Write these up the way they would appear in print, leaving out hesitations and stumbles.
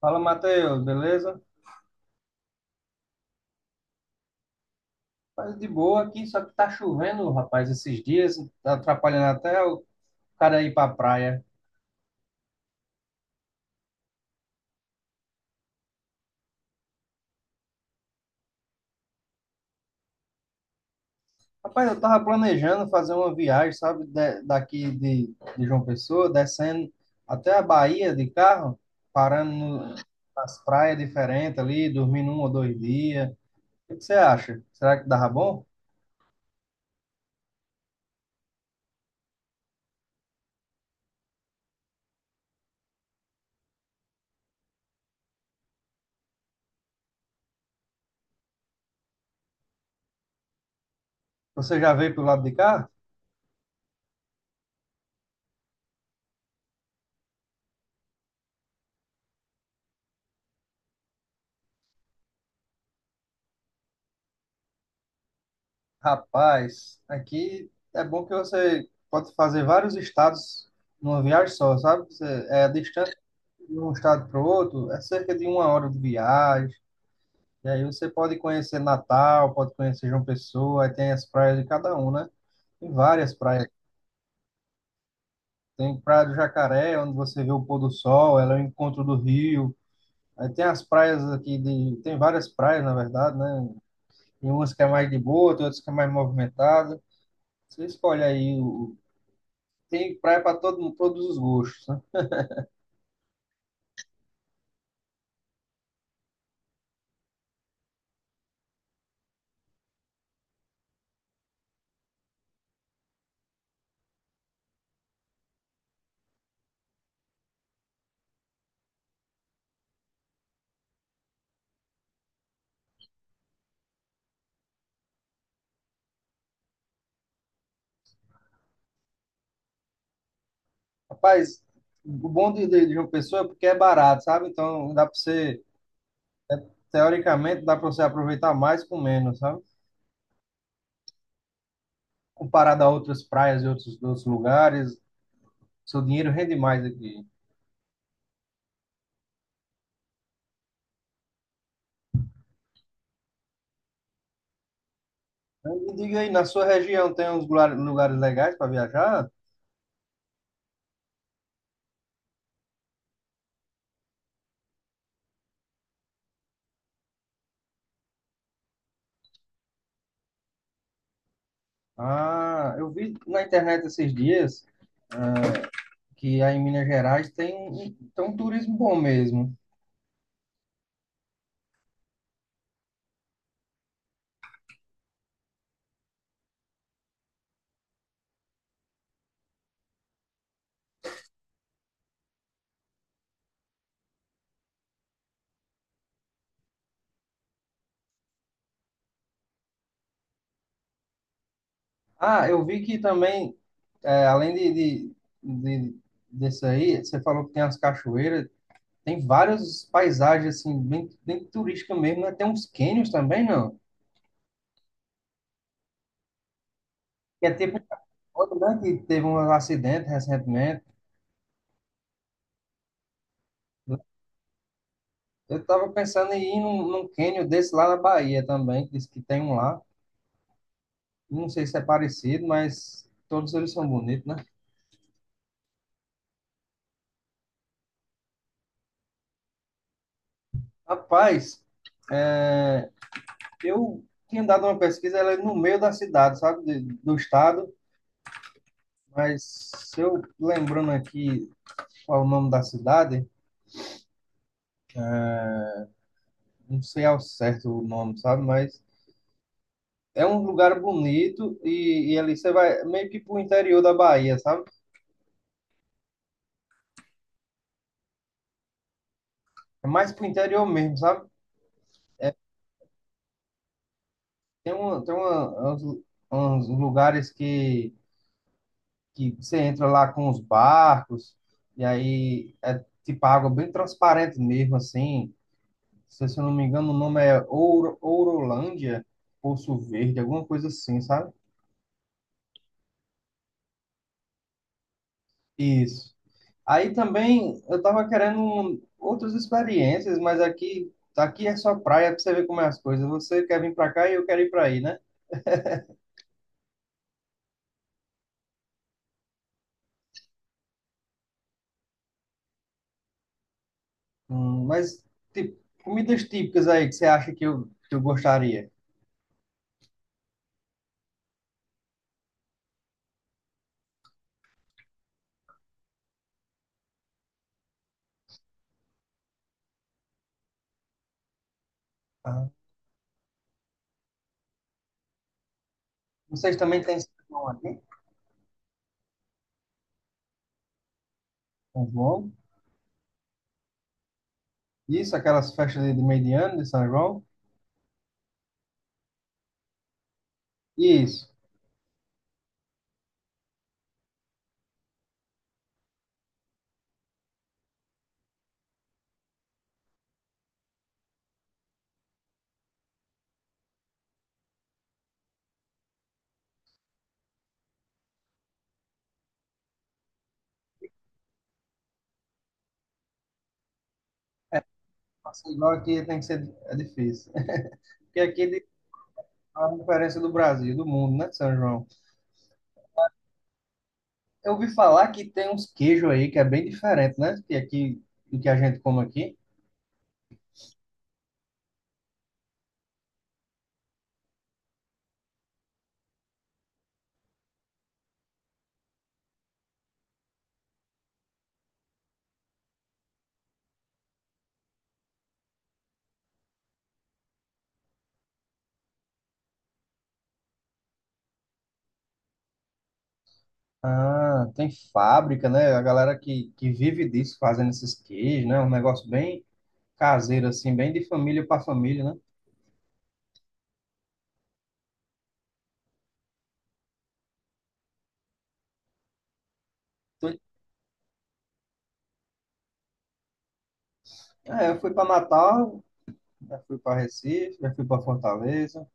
Fala, Matheus, beleza? Mas de boa aqui, só que tá chovendo, rapaz, esses dias, tá atrapalhando até o cara ir pra praia. Rapaz, eu tava planejando fazer uma viagem, sabe, de João Pessoa, descendo até a Bahia de carro, parando no- nas praias diferentes ali, dormindo um ou dois dias. O que que você acha? Será que dava bom? Você já veio pro lado de cá? Rapaz, aqui é bom que você pode fazer vários estados numa viagem só, sabe? Você, é a distância de um estado para o outro, é cerca de uma hora de viagem. E aí você pode conhecer Natal, pode conhecer João Pessoa, aí tem as praias de cada um, né? Tem várias praias. Tem Praia do Jacaré, onde você vê o pôr do sol, ela é o encontro do rio. Aí tem as praias aqui de, tem várias praias, na verdade, né? Tem umas que é mais de boa, tem outras que é mais movimentada. Você escolhe aí, o tem praia para todo mundo, todos os gostos, né? Rapaz, o bom de, de João Pessoa é porque é barato, sabe? Então dá para você, teoricamente, dá para você aproveitar mais com menos, sabe? Comparado a outras praias e outros, outros lugares, seu dinheiro rende mais aqui. Então, me diga aí, na sua região tem uns lugares legais para viajar? Ah, eu vi na internet esses dias, ah, que aí em Minas Gerais tem, tem um turismo bom mesmo. Ah, eu vi que também, é, além de, de- desse aí, você falou que tem as cachoeiras, tem várias paisagens, assim, bem, bem turística mesmo, né? Tem uns cânions também, não? Que é tipo, outro, né, que teve um acidente recentemente. Eu tava pensando em ir num, num cânion desse lá na Bahia também, que diz que tem um lá. Não sei se é parecido, mas todos eles são bonitos, né? Rapaz, é, eu tinha dado uma pesquisa, ela é no meio da cidade, sabe? Do estado. Mas se eu lembrando aqui qual o nome da cidade, não sei ao certo o nome, sabe? Mas é um lugar bonito e ali você vai meio que pro interior da Bahia, sabe? É mais pro interior mesmo, sabe? Tem, uma, tem uma, uns, uns lugares que você entra lá com os barcos e aí é tipo água bem transparente mesmo, assim. Se, eu não me engano, o nome é Ouro, Ourolândia, Poço Verde, alguma coisa assim, sabe? Isso. Aí também eu tava querendo outras experiências, mas aqui, aqui é só praia pra você ver como é as coisas. Você quer vir pra cá e eu quero ir pra aí, né? Mas tipo, comidas típicas aí que você acha que eu gostaria. Ah, vocês também têm São João aqui? São João? Isso, aquelas festas de meio de ano de São João? Isso. Assim, igual aqui tem que ser é difícil. Porque aqui é a diferença do Brasil, do mundo, né, São João? Eu ouvi falar que tem uns queijos aí que é bem diferente, né? Que aqui, do que a gente come aqui. Ah, tem fábrica, né? A galera que vive disso, fazendo esses queijos, né? Um negócio bem caseiro, assim, bem de família para família, né? Tô- é, eu fui para Natal, já fui para Recife, já fui para Fortaleza.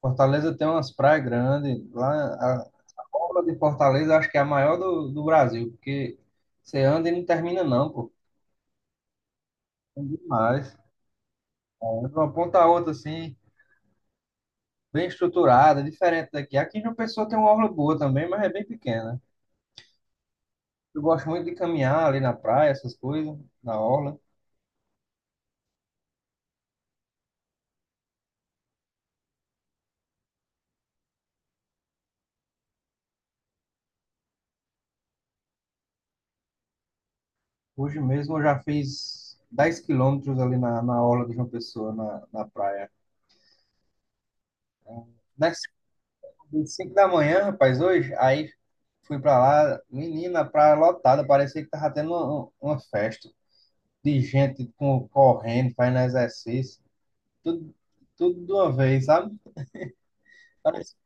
Fortaleza tem umas praias grandes. Lá, a orla de Fortaleza acho que é a maior do, do Brasil, porque você anda e não termina, não, pô. É demais. É de uma ponta a outra, assim, bem estruturada, diferente daqui. Aqui em João Pessoa tem uma orla boa também, mas é bem pequena. Eu gosto muito de caminhar ali na praia, essas coisas, na orla. Hoje mesmo eu já fiz 10 km ali na, na orla de João Pessoa, na, na praia. Das 5 da manhã, rapaz, hoje, aí fui pra lá, menina, a praia lotada, parecia que tava tendo uma festa de gente com, correndo, fazendo exercício, tudo, tudo de uma vez, sabe? Parecia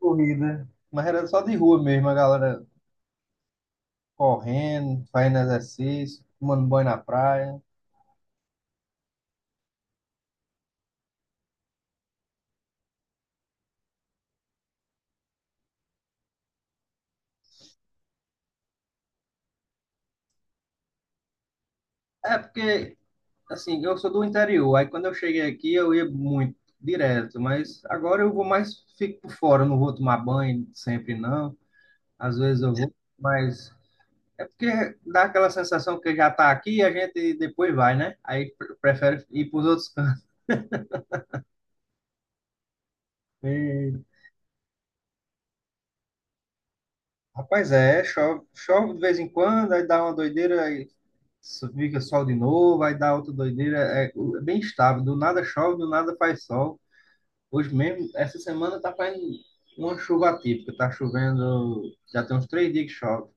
corrida, mas era só de rua mesmo, a galera correndo, fazendo exercício, tomando banho na praia. É porque, assim, eu sou do interior, aí quando eu cheguei aqui eu ia muito, direto, mas agora eu vou mais, fico por fora, eu não vou tomar banho sempre não, às vezes eu vou, mas é porque dá aquela sensação que já tá aqui e a gente depois vai, né? Aí prefere ir para os outros cantos. Rapaz, é, chove, chove de vez em quando, aí dá uma doideira, aí fica sol de novo, aí dá outra doideira, é, é bem estável, do nada chove, do nada faz sol. Hoje mesmo, essa semana tá fazendo uma chuva atípica, tá chovendo, já tem uns 3 dias que chove.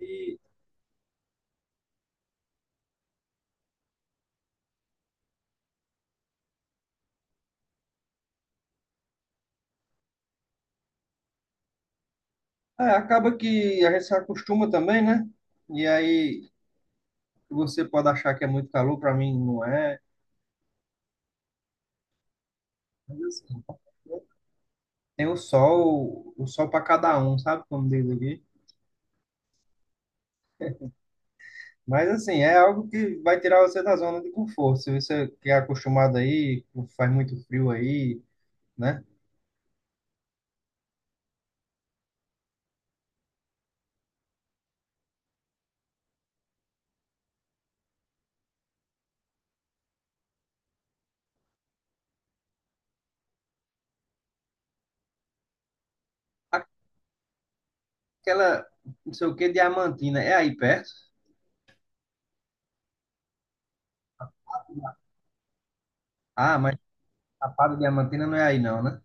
E é, acaba que a gente se acostuma também, né? E aí você pode achar que é muito calor, para mim não é. Mas assim, tem o sol para cada um, sabe como diz aqui? Mas assim, é algo que vai tirar você da zona de conforto. Se você que é acostumado aí, faz muito frio aí, né? Aquela, não sei o que, Diamantina, é aí perto? Ah, mas a Chapada Diamantina não é aí não, né?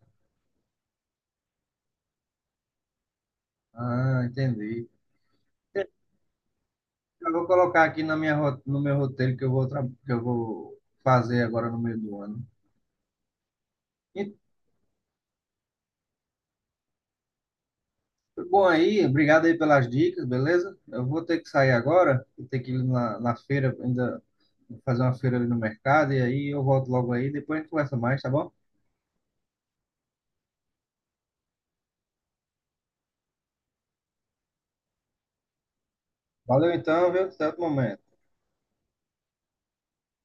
Ah, entendi. Eu vou colocar aqui na minha, no meu roteiro que eu vou, que eu vou fazer agora no meio do ano. E, bom aí, obrigado aí pelas dicas, beleza? Eu vou ter que sair agora, vou ter que ir na, na feira ainda. Vou fazer uma feira ali no mercado e aí eu volto logo aí. Depois a gente conversa mais, tá bom? Valeu então, viu? Até outro momento.